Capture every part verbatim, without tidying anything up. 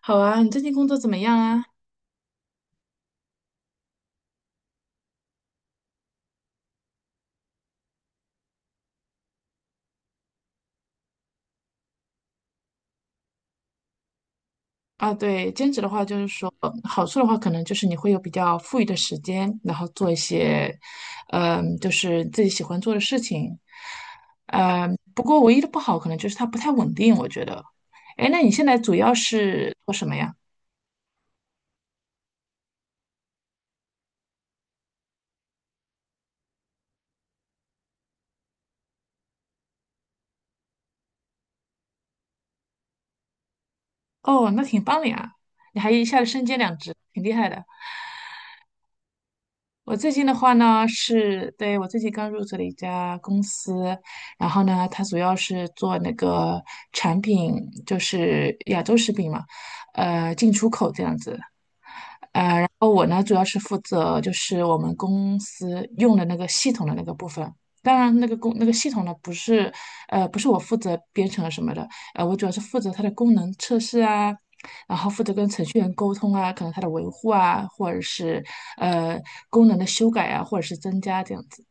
好啊，你最近工作怎么样啊？啊，对，兼职的话就是说，呃好处的话可能就是你会有比较富裕的时间，然后做一些，嗯，就是自己喜欢做的事情。嗯，不过唯一的不好可能就是它不太稳定，我觉得。哎，那你现在主要是做什么呀？哦，那挺棒的呀，你还一下子身兼两职，挺厉害的。我最近的话呢，是对我最近刚入职了一家公司，然后呢，它主要是做那个产品，就是亚洲食品嘛，呃，进出口这样子。哦，我呢主要是负责就是我们公司用的那个系统的那个部分。当然，那个工那个系统呢，不是，呃，不是我负责编程什么的，呃，我主要是负责它的功能测试啊，然后负责跟程序员沟通啊，可能它的维护啊，或者是呃功能的修改啊，或者是增加这样子。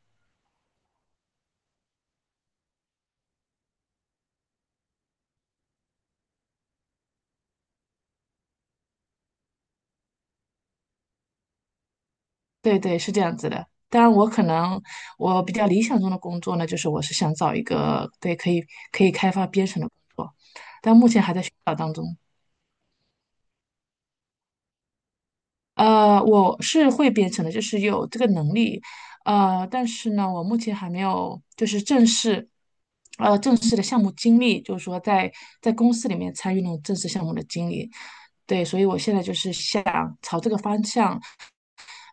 对对，是这样子的。当然，我可能我比较理想中的工作呢，就是我是想找一个对可以可以开发编程的工作，但目前还在寻找当中。呃，我是会编程的，就是有这个能力，呃，但是呢，我目前还没有就是正式，呃，正式的项目经历，就是说在在公司里面参与那种正式项目的经历，对，所以我现在就是想朝这个方向，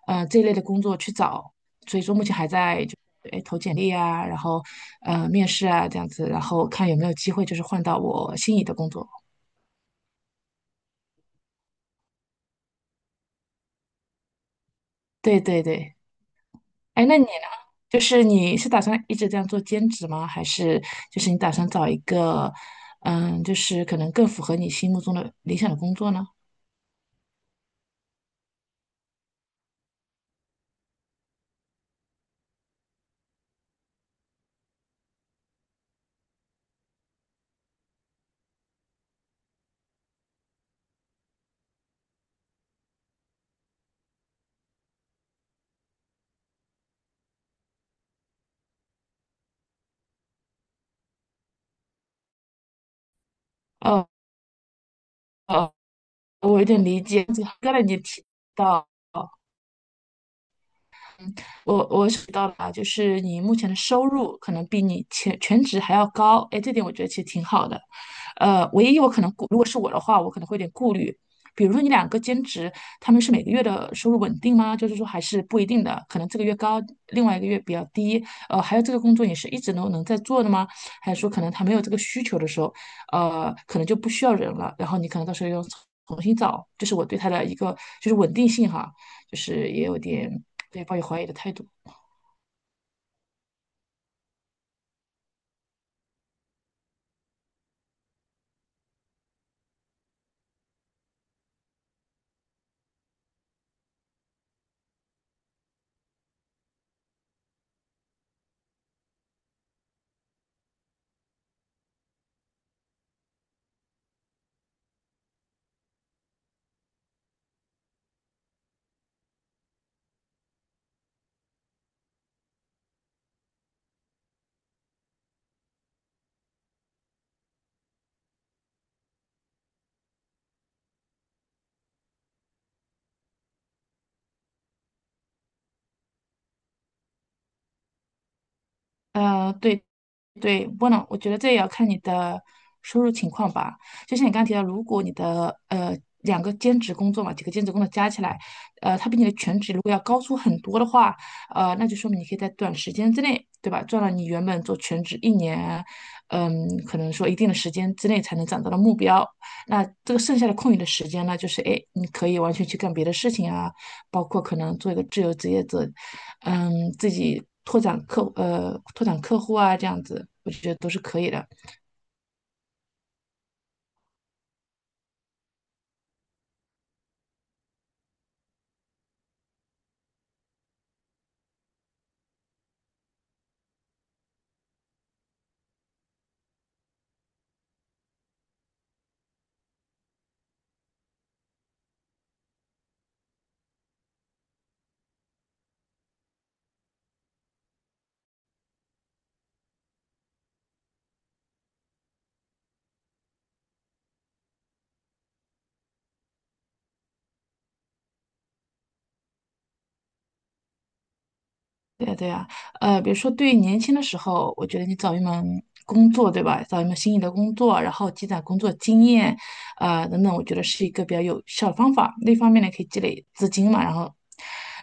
呃，这一类的工作去找，所以说目前还在就哎投简历啊，然后呃面试啊这样子，然后看有没有机会就是换到我心仪的工作，对对对。哎，那你呢？就是你是打算一直这样做兼职吗？还是就是你打算找一个，嗯，就是可能更符合你心目中的理想的工作呢？哦，哦，我有点理解，刚才你提到。我我是知道吧，就是你目前的收入可能比你全全职还要高，哎，这点我觉得其实挺好的。呃，唯一我可能顾，如果是我的话，我可能会有点顾虑，比如说你两个兼职，他们是每个月的收入稳定吗？就是说还是不一定的，可能这个月高，另外一个月比较低。呃，还有这个工作你是一直能能在做的吗？还是说可能他没有这个需求的时候，呃，可能就不需要人了，然后你可能到时候又重新找，这是我对他的一个就是稳定性哈，就是也有点。对，抱有怀疑的态度。呃，对对，不能，我觉得这也要看你的收入情况吧。就像你刚刚提到，如果你的呃两个兼职工作嘛，几个兼职工作加起来，呃，它比你的全职如果要高出很多的话，呃，那就说明你可以在短时间之内，对吧，赚了你原本做全职一年，嗯，可能说一定的时间之内才能攒到的目标。那这个剩下的空余的时间呢，就是哎，你可以完全去干别的事情啊，包括可能做一个自由职业者，嗯，自己拓展客呃拓展客户啊，这样子，我觉得都是可以的。对呀，对呀，呃，比如说对于年轻的时候，我觉得你找一门工作，对吧？找一门心仪的工作，然后积攒工作经验，啊、等等，我觉得是一个比较有效的方法。那一方面呢，可以积累资金嘛，然后，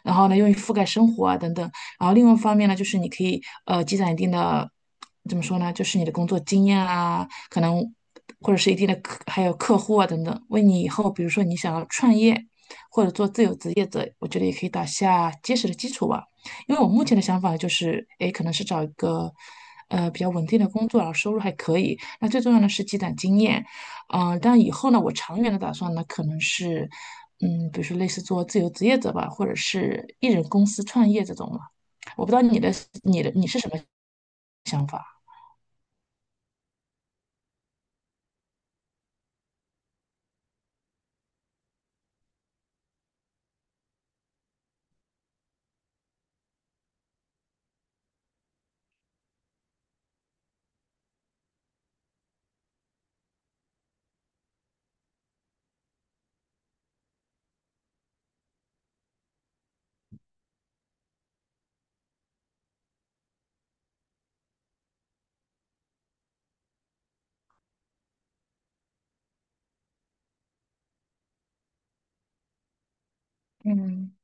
然后呢，用于覆盖生活啊等等。然后另外一方面呢，就是你可以呃积攒一定的，怎么说呢？就是你的工作经验啊，可能或者是一定的客，还有客户啊等等，为你以后比如说你想要创业。或者做自由职业者，我觉得也可以打下结实的基础吧。因为我目前的想法就是，诶，可能是找一个呃比较稳定的工作，然后收入还可以。那最重要的是积攒经验，嗯、但以后呢，我长远的打算呢，可能是嗯，比如说类似做自由职业者吧，或者是一人公司创业这种嘛。我不知道你的你的你是什么想法？嗯，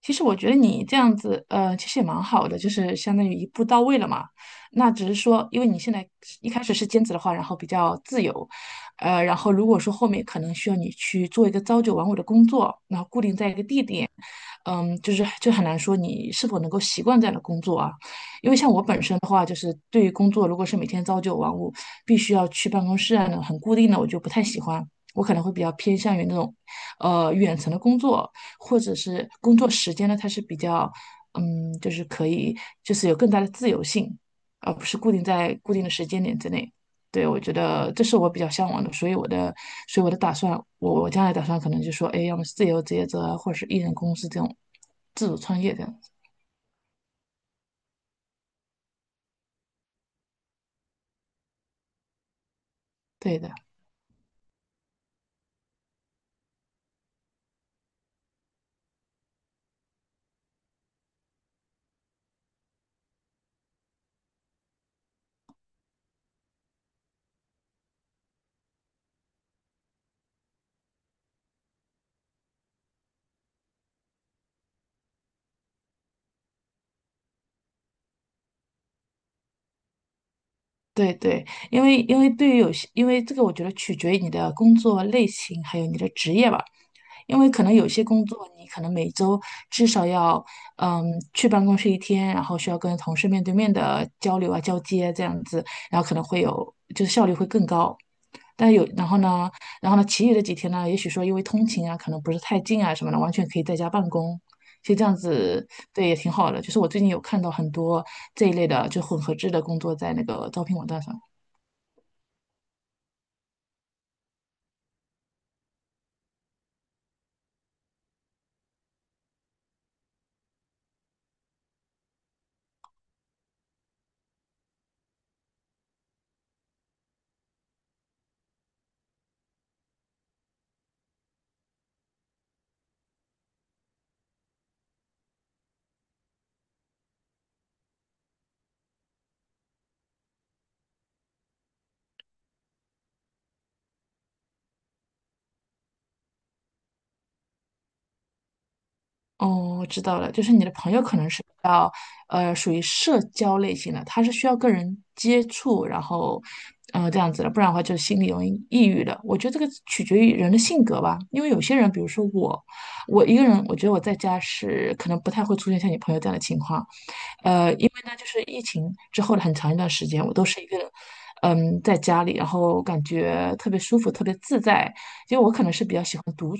其实我觉得你这样子，呃，其实也蛮好的，就是相当于一步到位了嘛。那只是说，因为你现在一开始是兼职的话，然后比较自由，呃，然后如果说后面可能需要你去做一个朝九晚五的工作，然后固定在一个地点，嗯，就是就很难说你是否能够习惯这样的工作啊。因为像我本身的话，就是对于工作，如果是每天朝九晚五，必须要去办公室啊，很固定的，我就不太喜欢。我可能会比较偏向于那种，呃，远程的工作，或者是工作时间呢，它是比较，嗯，就是可以，就是有更大的自由性，而不是固定在固定的时间点之内。对，我觉得这是我比较向往的，所以我的，所以我的打算，我我将来打算可能就说，哎，要么是自由职业者啊或者是艺人公司这种自主创业这样子。对的，对对，因为因为对于有些，因为这个我觉得取决于你的工作类型，还有你的职业吧。因为可能有些工作你可能每周至少要嗯去办公室一天，然后需要跟同事面对面的交流啊、交接这样子，然后可能会有就是效率会更高。但有，然后呢，然后呢，其余的几天呢，也许说因为通勤啊，可能不是太近啊什么的，完全可以在家办公。其实这样子，对，也挺好的。就是我最近有看到很多这一类的，就混合制的工作在那个招聘网站上。哦，我知道了，就是你的朋友可能是比较，呃，属于社交类型的，他是需要跟人接触，然后，呃，这样子的，不然的话就心里容易抑郁的。我觉得这个取决于人的性格吧，因为有些人，比如说我，我一个人，我觉得我在家是可能不太会出现像你朋友这样的情况，呃，因为呢，就是疫情之后的很长一段时间，我都是一个人，嗯，在家里，然后感觉特别舒服，特别自在，因为我可能是比较喜欢。独。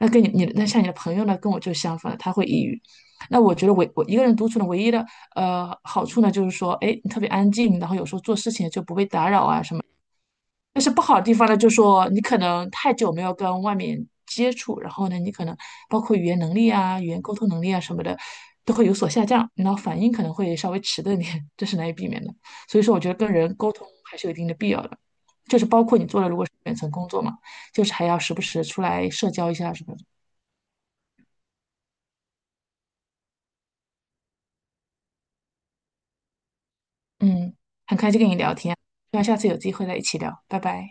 那跟你你那像你的朋友呢，跟我就相反了他会抑郁。那我觉得唯我一个人独处的唯一的呃好处呢，就是说，哎，你特别安静，然后有时候做事情就不被打扰啊什么。但是不好的地方呢，就是说你可能太久没有跟外面接触，然后呢，你可能包括语言能力啊、语言沟通能力啊什么的，都会有所下降，然后反应可能会稍微迟钝一点，这是难以避免的。所以说，我觉得跟人沟通还是有一定的必要的，就是包括你做了如果是远程工作嘛，就是还要时不时出来社交一下什么的嗯，很开心跟你聊天，希望下次有机会再一起聊，拜拜。